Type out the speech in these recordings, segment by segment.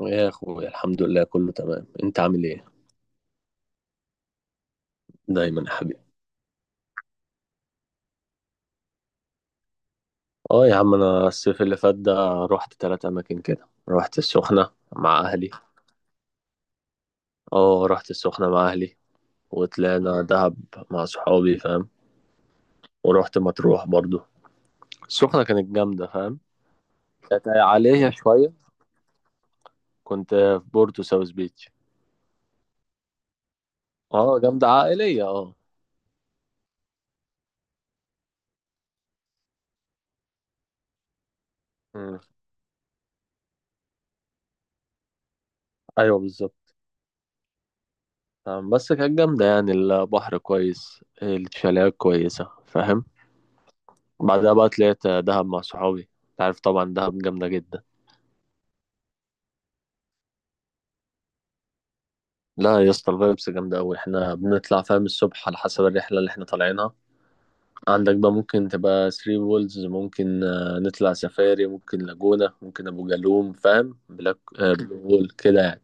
يا اخويا الحمد لله كله تمام، انت عامل ايه؟ دايما يا حبيبي. اه يا عم، انا الصيف اللي فات ده رحت 3 اماكن كده. رحت السخنة مع اهلي. اه رحت السخنة مع اهلي، وطلعنا دهب مع صحابي فاهم، ورحت مطروح برضو. السخنة كانت جامدة فاهم. كانت عليها شوية. كنت في بورتو ساوث بيتش. اه جامدة عائلية، اه. مم. ايوه بالظبط. آه، بس كانت جامدة يعني، البحر كويس الشاليهات كويسة فاهم. بعدها بقى طلعت دهب مع صحابي. انت عارف طبعا دهب جامدة جدا. لا يا اسطى، الفايبس جامدة أوي. احنا بنطلع فاهم الصبح على حسب الرحلة اللي احنا طالعينها. عندك بقى ممكن تبقى ثري وولز، ممكن آه، نطلع سفاري، ممكن لاجونا، ممكن أبو جالوم فاهم، بلاك آه، بلو هول كده يعني.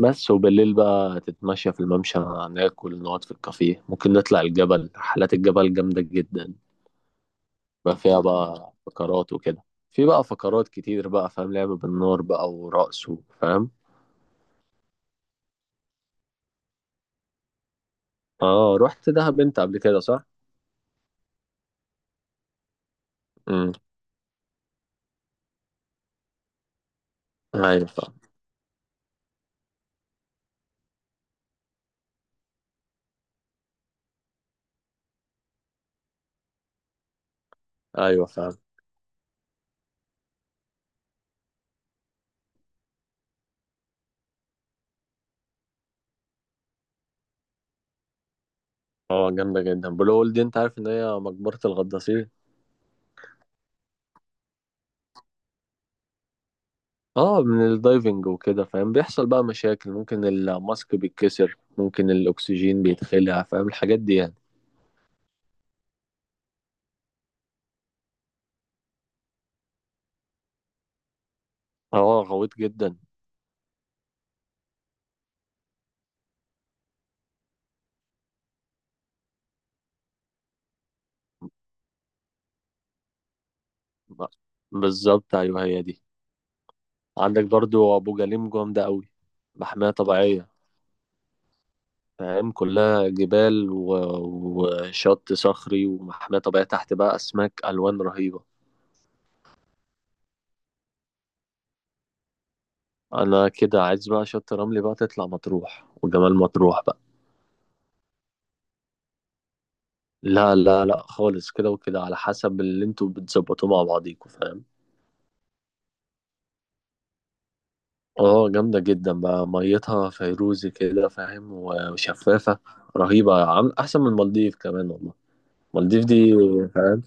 بس وبالليل بقى تتمشى في الممشى، ناكل نقعد في الكافيه، ممكن نطلع الجبل. رحلات الجبل جامدة جدا. بقى فيها بقى فقرات وكده. في بقى فقرات كتير بقى فاهم، لعب بالنار بقى ورقص فاهم. اه رحت دهب انت قبل كده صح؟ امم. ايوه فعلا. ايوه فعلا. اه جامده جدا بلو هول دي. انت عارف ان هي مقبره الغطاسين. اه من الدايفنج وكده فاهم، بيحصل بقى مشاكل، ممكن الماسك بيتكسر، ممكن الاكسجين بيتخلع فاهم الحاجات دي يعني. اه غويط جدا. ب- بالظبط، ايوه هي دي. عندك برضو ابو جليم جامده قوي، محميه طبيعيه. فاهم كلها جبال وشط صخري ومحميه طبيعيه، تحت بقى اسماك الوان رهيبه. انا كده عايز بقى شط رملي، بقى تطلع مطروح وجمال مطروح بقى. لا لا لا خالص، كده وكده على حسب اللي انتوا بتظبطوه مع بعضيكوا فاهم. اه جامدة جدا بقى، ميتها فيروزي كده فاهم وشفافة رهيبة عم، احسن من المالديف كمان والله. المالديف دي فاهم،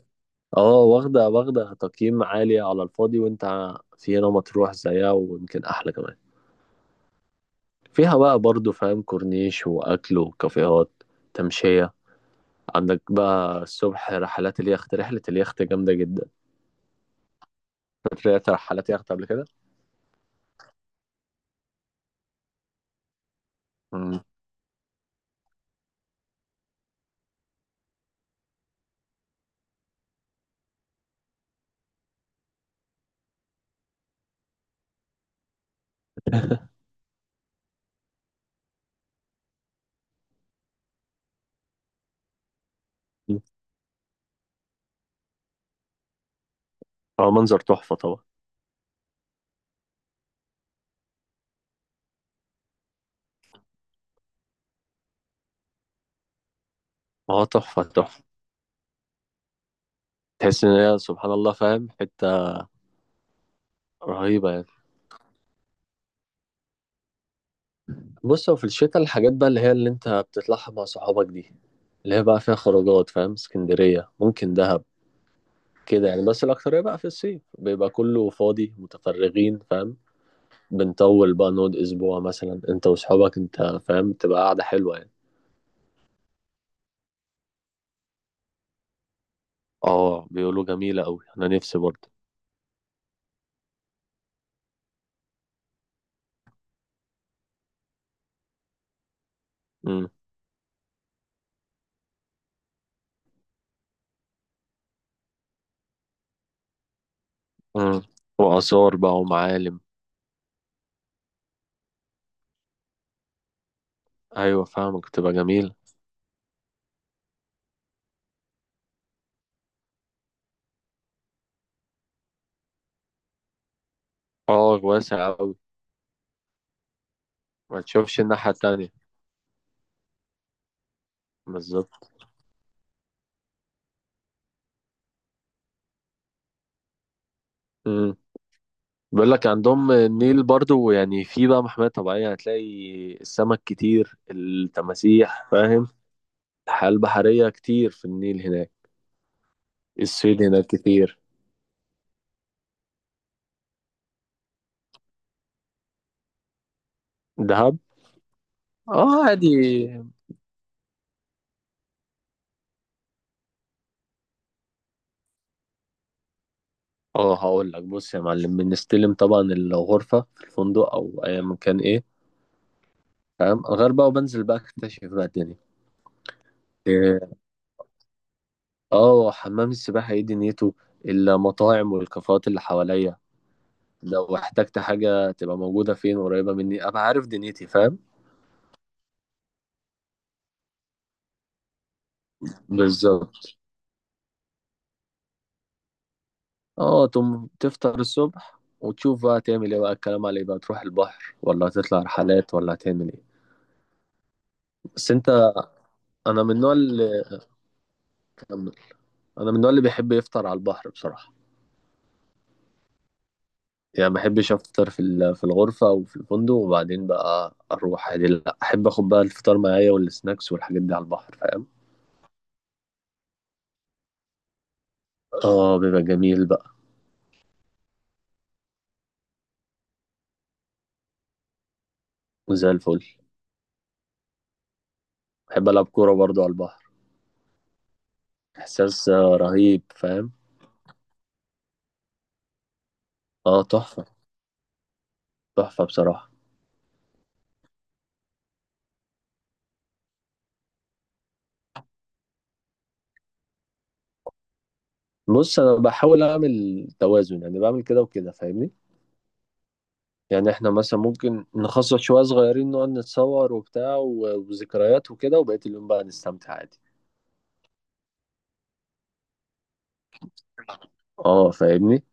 اه واخدة تقييم عالي على الفاضي، وانت في هنا مطروح زيها ويمكن احلى كمان. فيها بقى برضو فاهم كورنيش واكل وكافيهات، تمشية. عندك بقى الصبح رحلات اليخت. رحلة اليخت جامدة جدا. طلعت رحلات يخت قبل كده. مم. هو منظر تحفة طبعا. هو تحفة تحفة. تحس ان هي سبحان الله فاهم، حتة رهيبة يعني. بص هو في الشتاء الحاجات بقى اللي هي اللي انت بتطلعها مع صحابك دي، اللي هي بقى فيها خروجات فاهم، اسكندرية، ممكن دهب، كده يعني. بس الأكترية بقى في الصيف، بيبقى كله فاضي متفرغين فاهم. بنطول بقى نقعد أسبوع مثلا انت وصحابك انت، فاهم تبقى قاعدة حلوة يعني. اه بيقولوا جميلة أوي، أنا نفسي برضه. مم. مم. وآثار بقى ومعالم. أيوة فاهمك، تبقى جميل. آه واسع أوي. ما تشوفش الناحية التانية. بالظبط. مم. بيقول لك عندهم النيل برضو يعني، في بقى محمية طبيعية هتلاقي السمك كتير، التماسيح فاهم. الحياة البحرية كتير في النيل هناك. السويد هناك كتير. دهب. اه عادي. اه هقول لك، بص يا معلم، بنستلم طبعا الغرفة في الفندق أو أي مكان إيه، فاهم، غير بقى وبنزل بقى أكتشف بقى الدنيا. آه، اه حمام السباحة ايه دنيته، المطاعم والكافيهات اللي حواليا. لو احتجت حاجة تبقى موجودة فين قريبة مني، ابقى عارف دنيتي فاهم. بالظبط. اه تم، تفطر الصبح وتشوف بقى تعمل ايه بقى، الكلام عليه بقى تروح البحر ولا هتطلع رحلات ولا هتعمل ايه. بس انت، انا من النوع اللي كمل. انا من النوع اللي بيحب يفطر على البحر بصراحة. يعني ما بحبش افطر في الغرفة او في الفندق وبعدين بقى اروح عادي، لا احب اخد بقى الفطار معايا والسناكس والحاجات دي على البحر فاهم. اه بيبقى جميل بقى. وزي الفل. بحب ألعب كورة برضو على البحر. إحساس آه، رهيب فاهم. اه تحفة. تحفة بصراحة. بص أنا بحاول أعمل توازن، يعني بعمل كده وكده فاهمني. يعني إحنا مثلا ممكن نخصص شوية صغيرين نقعد نتصور وبتاع وذكريات وكده، وبقية اليوم بقى نستمتع عادي. اه فاهمني.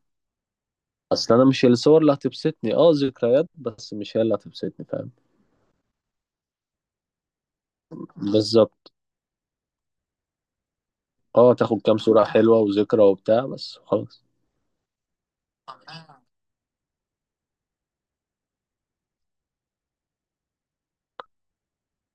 أصل أنا مش الصور اللي هتبسطني، اه ذكريات، بس مش هي اللي هتبسطني فاهم. بالظبط. اه تاخد كام صورة حلوة وذكرى وبتاع بس. خلاص.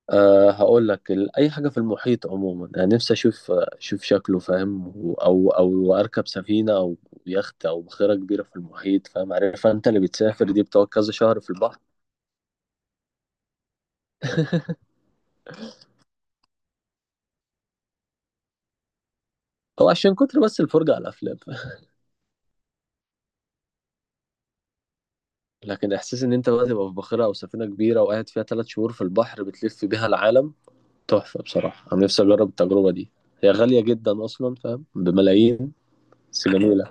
أه هقول لك، اي حاجه في المحيط عموما انا نفسي اشوف شكله فاهم، او اركب سفينه او يخت او بخيره كبيره في المحيط فاهم. عارف انت اللي بتسافر دي بتقعد كذا شهر في البحر. هو عشان كتر بس الفرجه على الافلام. لكن احساس ان انت بقى تبقى في بخيره او سفينه كبيره وقاعد فيها 3 شهور في البحر بتلف بيها العالم، تحفه بصراحه. انا نفسي اجرب التجربه دي. هي غاليه جدا اصلا فاهم، بملايين، بس جميله.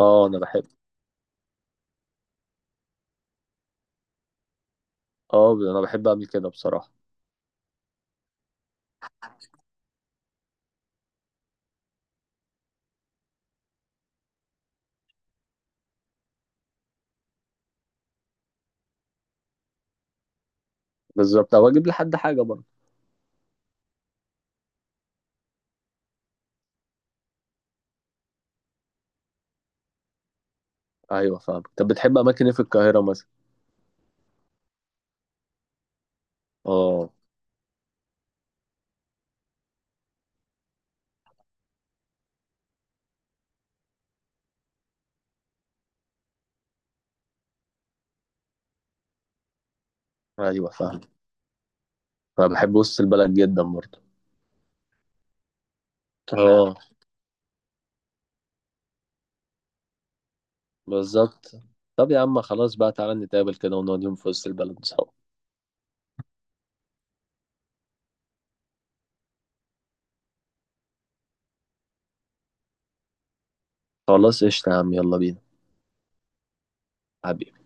اه انا بحب اه انا بحب اعمل كده بصراحه. بالظبط، او اجيب لحد حاجه. ايوه فاهم. طب بتحب اماكن ايه في القاهره مثلا؟ اه. ايوه فاهم، فبحب وسط البلد جدا برضه. اه. بالظبط. طب يا عم، خلاص بقى، تعالى نتقابل كده ونقعد يوم في وسط البلد سوا. خلاص قشطة يا عم، يلا بينا. حبيبي.